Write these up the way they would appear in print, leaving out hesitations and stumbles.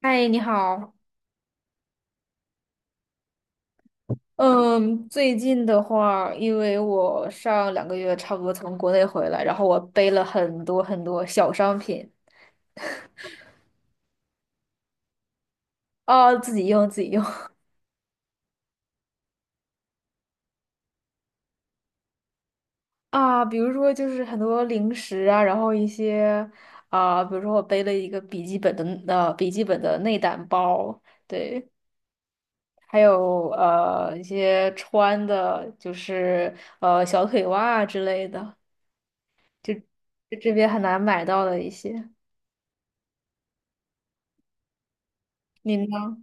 嗨，你好。嗯，最近的话，因为我上2个月差不多从国内回来，然后我背了很多很多小商品。啊，自己用自己用。 啊，比如说就是很多零食啊，然后一些。啊，比如说我背了一个笔记本的内胆包，对。还有一些穿的，就是小腿袜之类的，就就这边很难买到的一些。你呢？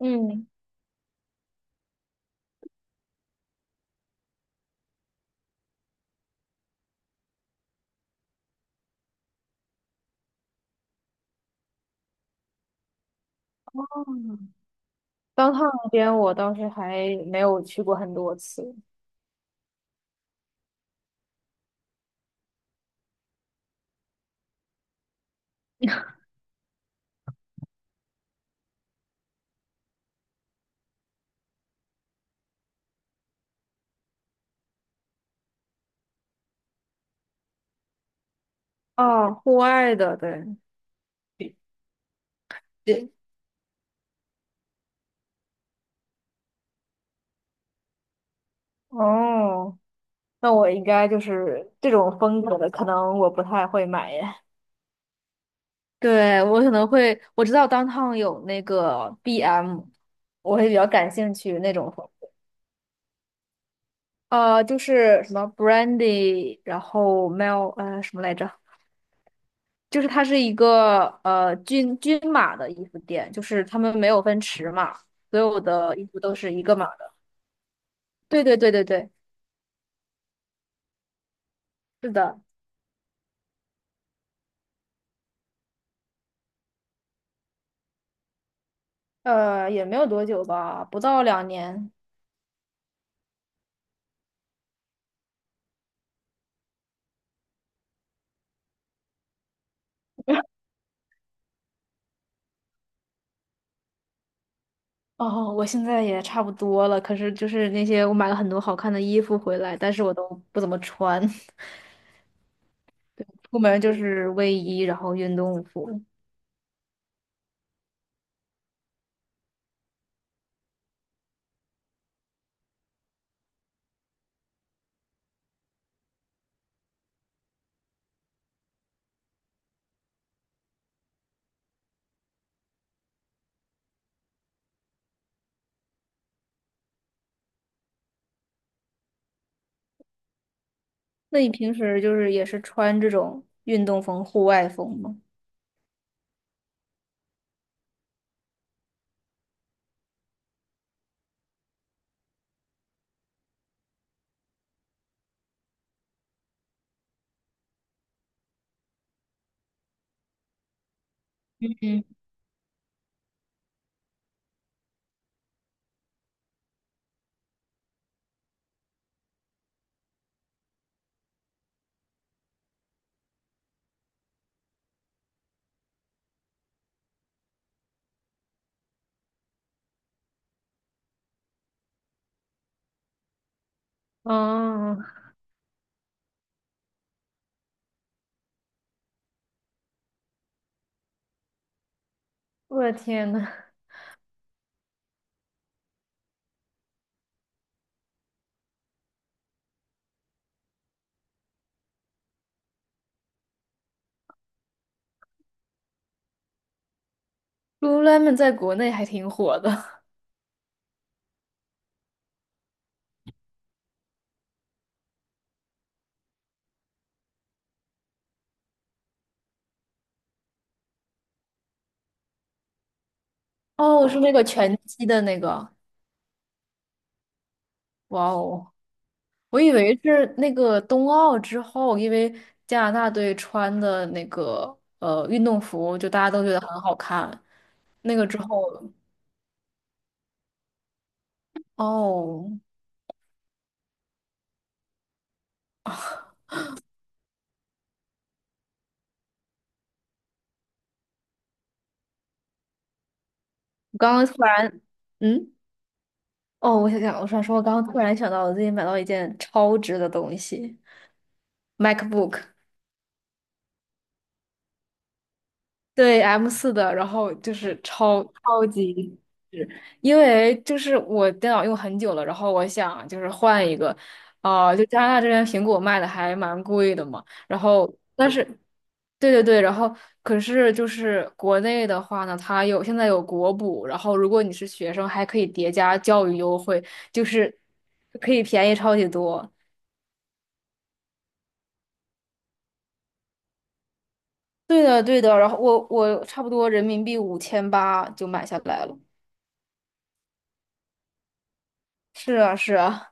嗯。嗯，当趟那边我倒是还没有去过很多次。哦，户外的，对，对。哦，那我应该就是这种风格的，可能我不太会买耶。对，我可能会，我知道当 o 有那个 BM，我会比较感兴趣那种风格。就是什么 Brandy，然后 Mel，什么来着？就是它是一个均码的衣服店，就是他们没有分尺码，所有的衣服都是一个码的。对对对对对，是的。也没有多久吧，不到2年。哦，我现在也差不多了，可是就是那些我买了很多好看的衣服回来，但是我都不怎么穿。出门就是卫衣，然后运动服。那你平时就是也是穿这种运动风、户外风吗？嗯，哦，我的天呐！Lululemon 在国内还挺火的。哦，是那个拳击的那个。哇哦，我以为是那个冬奥之后，因为加拿大队穿的那个运动服，就大家都觉得很好看。那个之后，哦，我刚刚突然，嗯，哦，我想想，我想说，我刚刚突然想到，我最近买到一件超值的东西，MacBook。对 M4的，然后就是超级是。因为就是我电脑用很久了，然后我想就是换一个。啊、就加拿大这边苹果卖的还蛮贵的嘛，然后但是，对对对。然后可是就是国内的话呢，它有现在有国补，然后如果你是学生，还可以叠加教育优惠，就是可以便宜超级多。对的对的，然后我差不多人民币5800就买下来了。是啊是啊。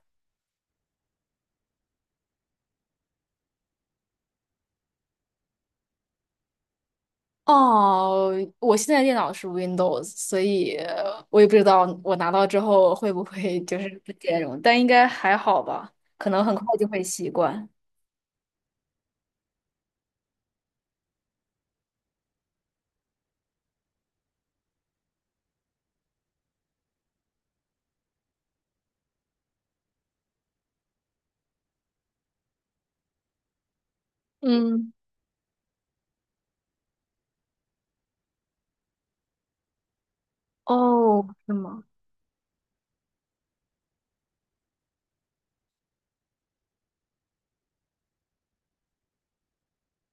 哦，我现在电脑是 Windows，所以我也不知道我拿到之后会不会就是 不兼容，但应该还好吧，可能很快就会习惯。嗯，哦，是吗？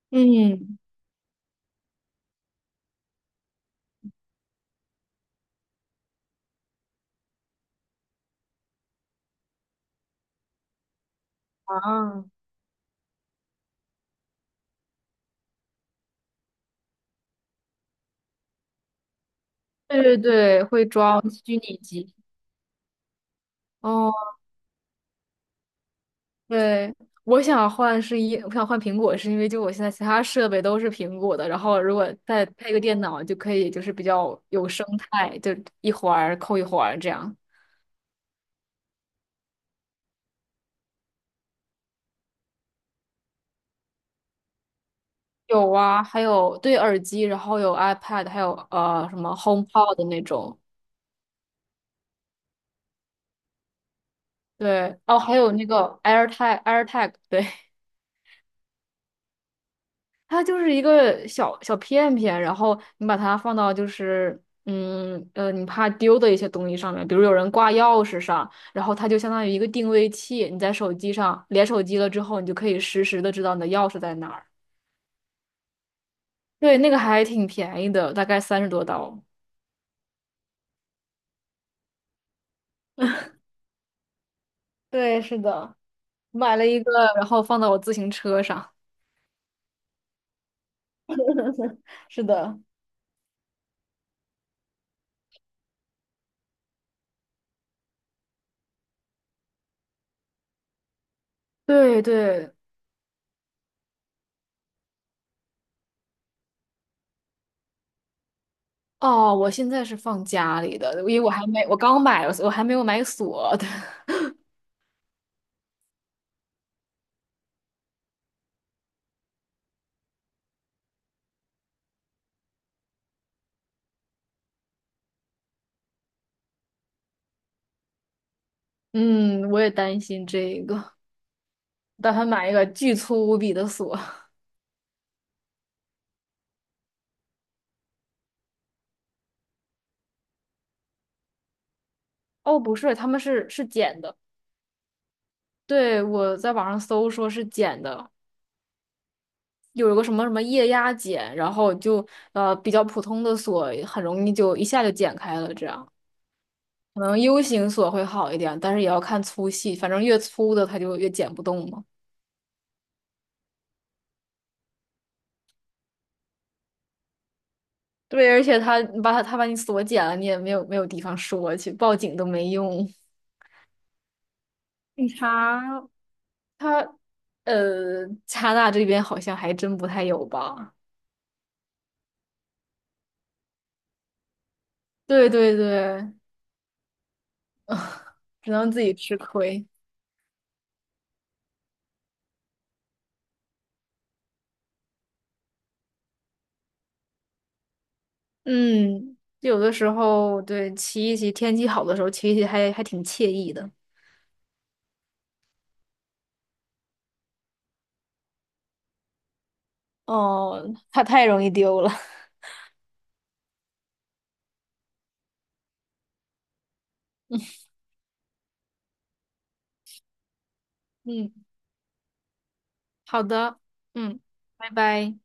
嗯，啊，对对对，会装虚拟机。哦，对，我想换苹果，是因为就我现在其他设备都是苹果的，然后如果再配个电脑，就可以就是比较有生态，就一环儿扣一环儿这样。有啊，还有对耳机，然后有 iPad，还有什么 HomePod 的那种，对。哦，还有那个 AirTag，对。它就是一个小小片片，然后你把它放到就是你怕丢的一些东西上面，比如有人挂钥匙上，然后它就相当于一个定位器，你在手机上连手机了之后，你就可以实时的知道你的钥匙在哪儿。对，那个还挺便宜的，大概30多刀。对，是的，买了一个，然后放到我自行车上。是的，对对。哦，我现在是放家里的，因为我还没，我刚买，了，我还没有买锁的。嗯，我也担心这个，打算买一个巨粗无比的锁。哦，不是，他们是剪的。对，我在网上搜说是剪的，有一个什么什么液压剪，然后就比较普通的锁很容易就一下就剪开了，这样可能 U 型锁会好一点，但是也要看粗细，反正越粗的它就越剪不动嘛。对，而且他把你锁检了，你也没有没有地方说去，报警都没用。警察他加拿大这边好像还真不太有吧？对对对，只能自己吃亏。嗯，有的时候对骑一骑，天气好的时候骑一骑还挺惬意的。哦，它太容易丢了。嗯，好的，嗯，拜拜。